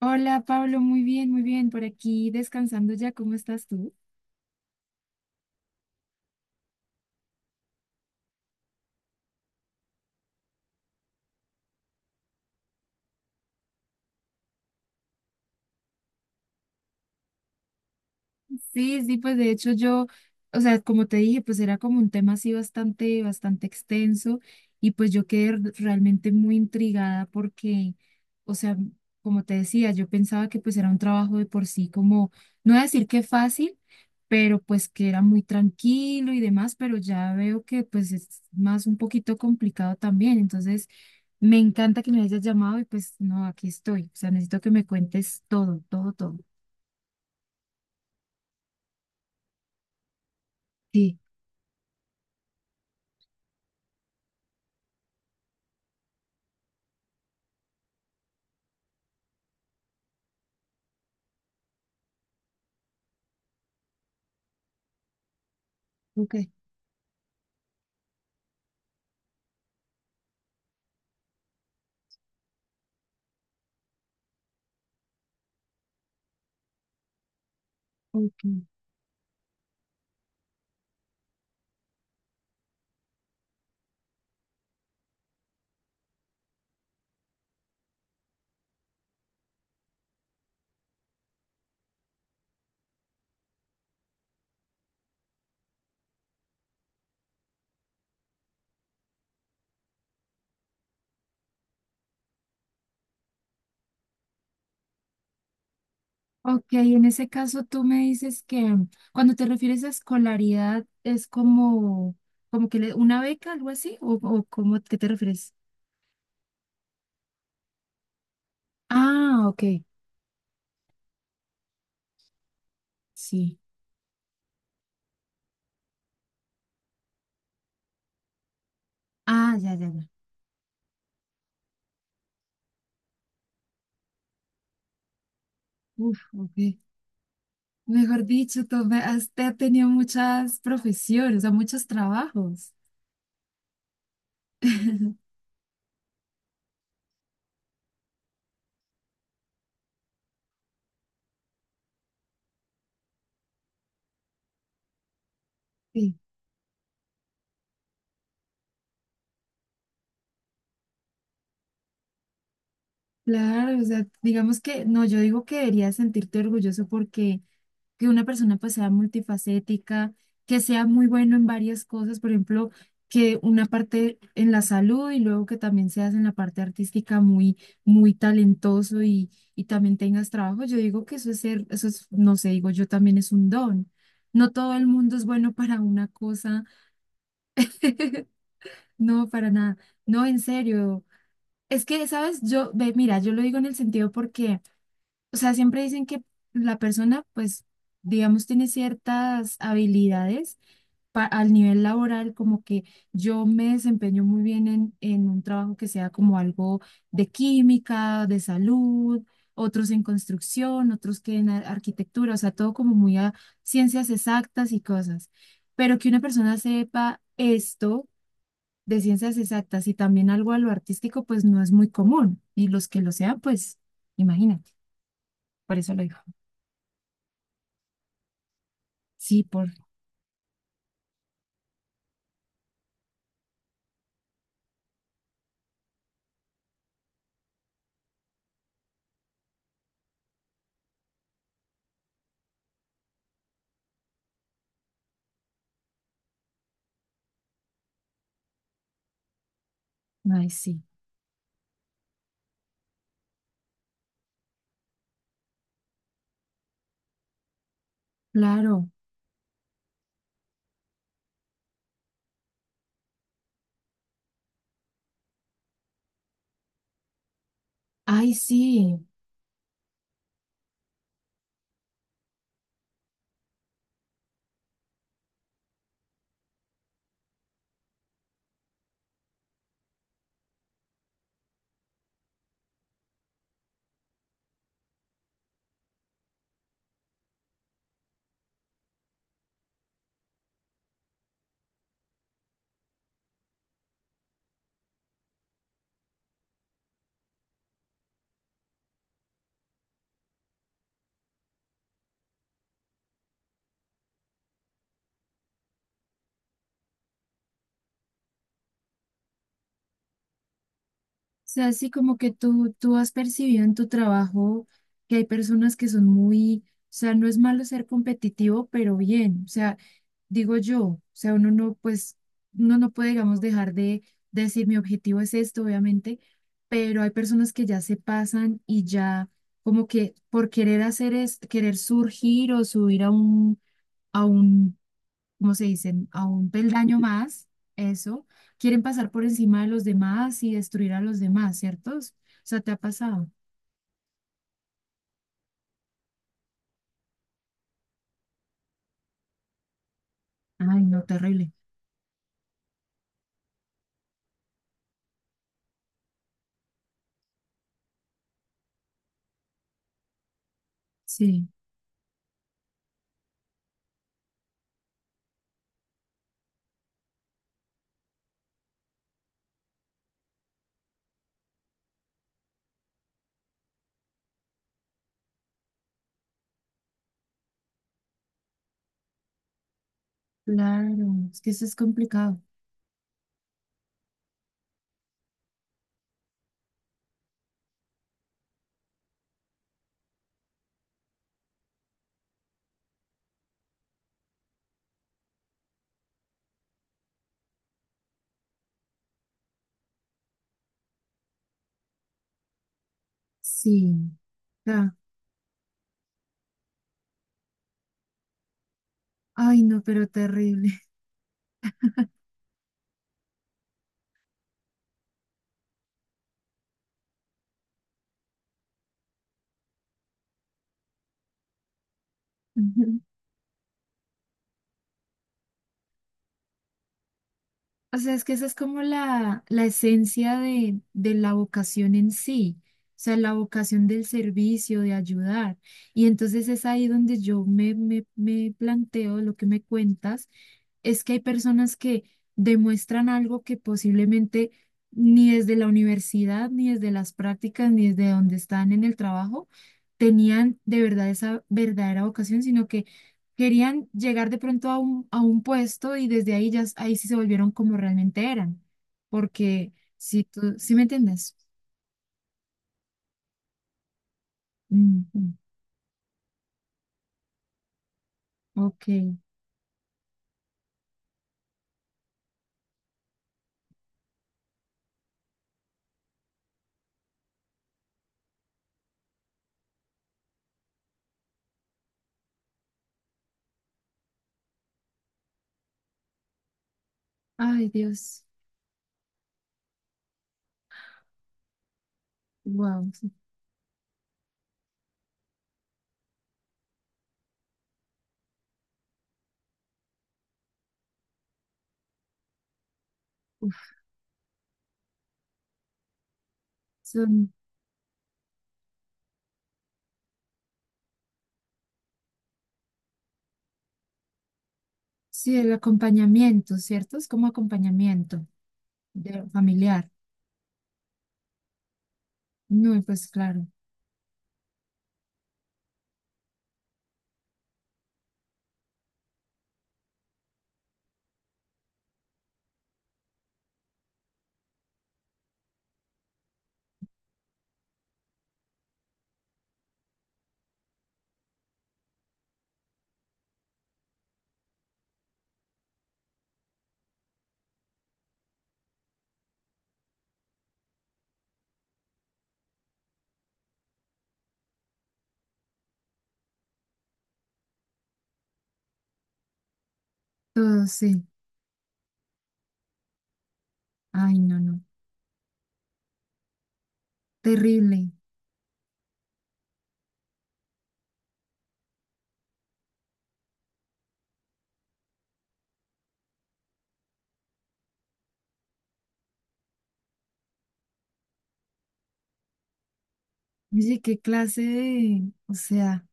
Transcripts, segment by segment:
Hola Pablo, muy bien, muy bien. Por aquí descansando ya, ¿cómo estás tú? Sí, sí, pues de hecho yo, o sea, como te dije, pues era como un tema así bastante, bastante extenso y pues yo quedé realmente muy intrigada porque, o sea, como te decía, yo pensaba que pues era un trabajo de por sí como, no voy a decir que fácil, pero pues que era muy tranquilo y demás, pero ya veo que pues es más un poquito complicado también. Entonces me encanta que me hayas llamado y pues no, aquí estoy, o sea, necesito que me cuentes todo, todo, todo. Sí, ok. Ok. Ok, en ese caso tú me dices que cuando te refieres a escolaridad es como, como que una beca, algo así, o cómo, ¿qué te refieres? Ah, ok, sí. Ah, ya, ya, ya. Uf, ok. Mejor dicho, tú me- has, te- has tenido muchas profesiones, o sea, muchos trabajos. Sí, claro, o sea, digamos que, no, yo digo que deberías sentirte orgulloso porque que una persona pues sea multifacética, que sea muy bueno en varias cosas, por ejemplo, que una parte en la salud y luego que también seas en la parte artística muy, muy talentoso y también tengas trabajo. Yo digo que eso es ser, eso es, no sé, digo yo también es un don. No todo el mundo es bueno para una cosa. No, para nada, no, en serio. Es que, ¿sabes? Yo, ve, mira, yo lo digo en el sentido porque, o sea, siempre dicen que la persona, pues, digamos, tiene ciertas habilidades al nivel laboral, como que yo me desempeño muy bien en un trabajo que sea como algo de química, de salud, otros en construcción, otros que en arquitectura, o sea, todo como muy a ciencias exactas y cosas. Pero que una persona sepa esto de ciencias exactas y también algo a lo artístico, pues no es muy común. Y los que lo sean, pues, imagínate, por eso lo digo. Sí, por, ay, sí, claro, ay, sí. O sea, así como que tú has percibido en tu trabajo que hay personas que son muy, o sea, no es malo ser competitivo, pero bien, o sea, digo yo, o sea, uno no, pues, uno no puede, digamos, dejar de decir mi objetivo es esto, obviamente, pero hay personas que ya se pasan y ya como que por querer hacer es, querer surgir o subir a un, a un, como se dicen, a un peldaño más, eso, quieren pasar por encima de los demás y destruir a los demás, ¿cierto? O sea, ¿te ha pasado? Ay, no, terrible. Sí, claro, es que eso es complicado. Sí, ya. Ay, no, pero terrible. Ujú. O sea, es que esa es como la esencia de la vocación en sí. O sea, la vocación del servicio, de ayudar. Y entonces es ahí donde yo me planteo lo que me cuentas, es que hay personas que demuestran algo que posiblemente ni desde la universidad, ni desde las prácticas, ni desde donde están en el trabajo, tenían de verdad esa verdadera vocación, sino que querían llegar de pronto a un puesto y desde ahí ya, ahí sí se volvieron como realmente eran. Porque si tú, ¿si me entiendes? Ujú. Ok. Ay, Dios. Wow. Son, sí, el acompañamiento, ¿cierto? Es como acompañamiento. De familiar. No, y pues claro, todo sí. Ay, no, no. Terrible. Oye, qué clase de... O sea,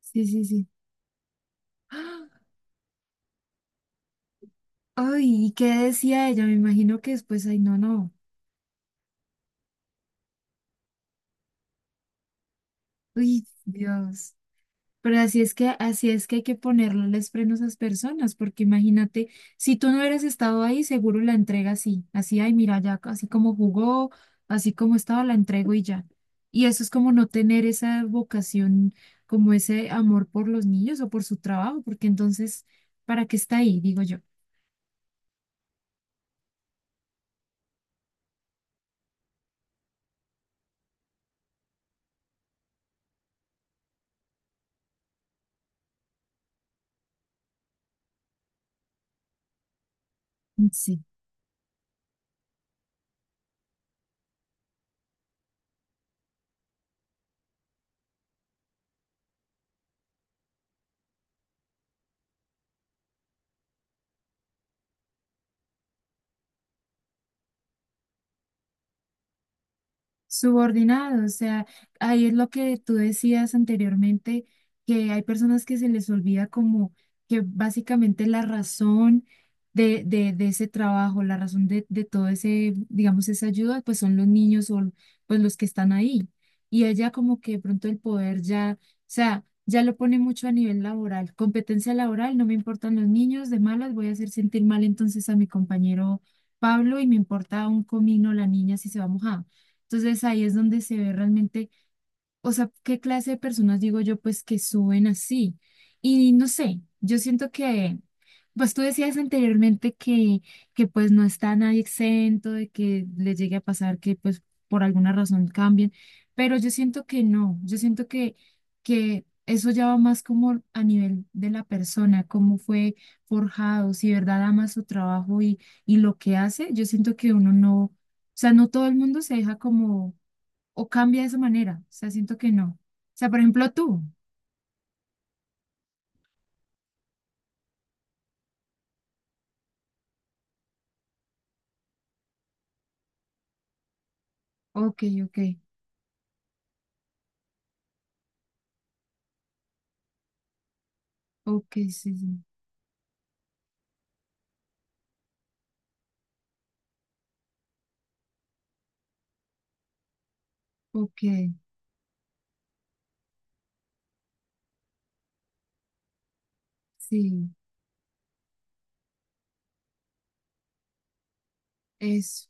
sí, sí, sí. ¡Ah! Ay, ¿y qué decía ella? Me imagino que después, ay, no, no. Uy, Dios. Pero así es que hay que ponerles frenos a esas personas, porque imagínate, si tú no hubieras estado ahí, seguro la entrega así, así, ay, mira, ya, así como jugó, así como estaba, la entrego y ya. Y eso es como no tener esa vocación, como ese amor por los niños o por su trabajo, porque entonces, ¿para qué está ahí? Digo yo. Sí. Subordinado, o sea, ahí es lo que tú decías anteriormente, que hay personas que se les olvida como que básicamente la razón de ese trabajo, la razón de todo ese, digamos, esa ayuda, pues son los niños o pues los que están ahí. Y ella como que de pronto el poder ya, o sea, ya lo pone mucho a nivel laboral, competencia laboral, no me importan los niños, de malas voy a hacer sentir mal entonces a mi compañero Pablo y me importa un comino la niña si se va a mojar. Entonces ahí es donde se ve realmente, o sea, qué clase de personas digo yo, pues que suben así. Y no sé, yo siento que, pues tú decías anteriormente que pues no está nadie exento de que le llegue a pasar que pues por alguna razón cambien, pero yo siento que no, yo siento que eso ya va más como a nivel de la persona, cómo fue forjado, si de verdad ama su trabajo y lo que hace, yo siento que uno no, o sea, no todo el mundo se deja como o cambia de esa manera. O sea, siento que no. O sea, por ejemplo, tú. Ok, ok, ok, sí, sí, ok, sí, eso,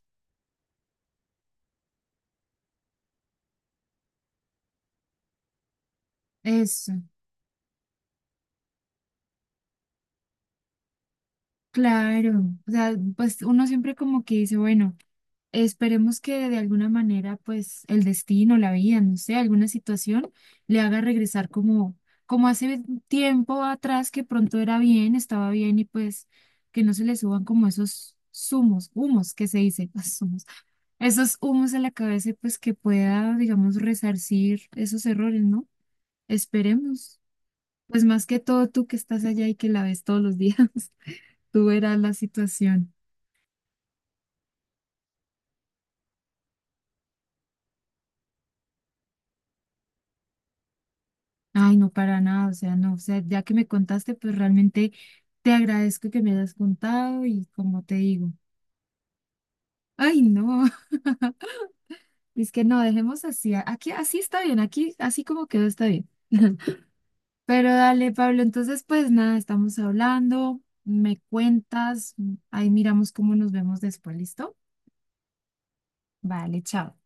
eso, claro. O sea, pues uno siempre como que dice, bueno. Esperemos que de alguna manera, pues, el destino, la vida, no sé, alguna situación le haga regresar como, como hace tiempo atrás que pronto era bien, estaba bien y pues que no se le suban como esos zumos, humos que se dice, los humos, esos humos a la cabeza, y pues que pueda, digamos, resarcir esos errores, ¿no? Esperemos. Pues más que todo tú que estás allá y que la ves todos los días, tú verás la situación. Ay, no, para nada, o sea, no, o sea, ya que me contaste, pues realmente te agradezco que me hayas contado y como te digo, ay, no, es que no, dejemos así, aquí así está bien, aquí así como quedó está bien. Pero dale, Pablo, entonces pues nada, estamos hablando, me cuentas, ahí miramos cómo nos vemos después, ¿listo? Vale, chao.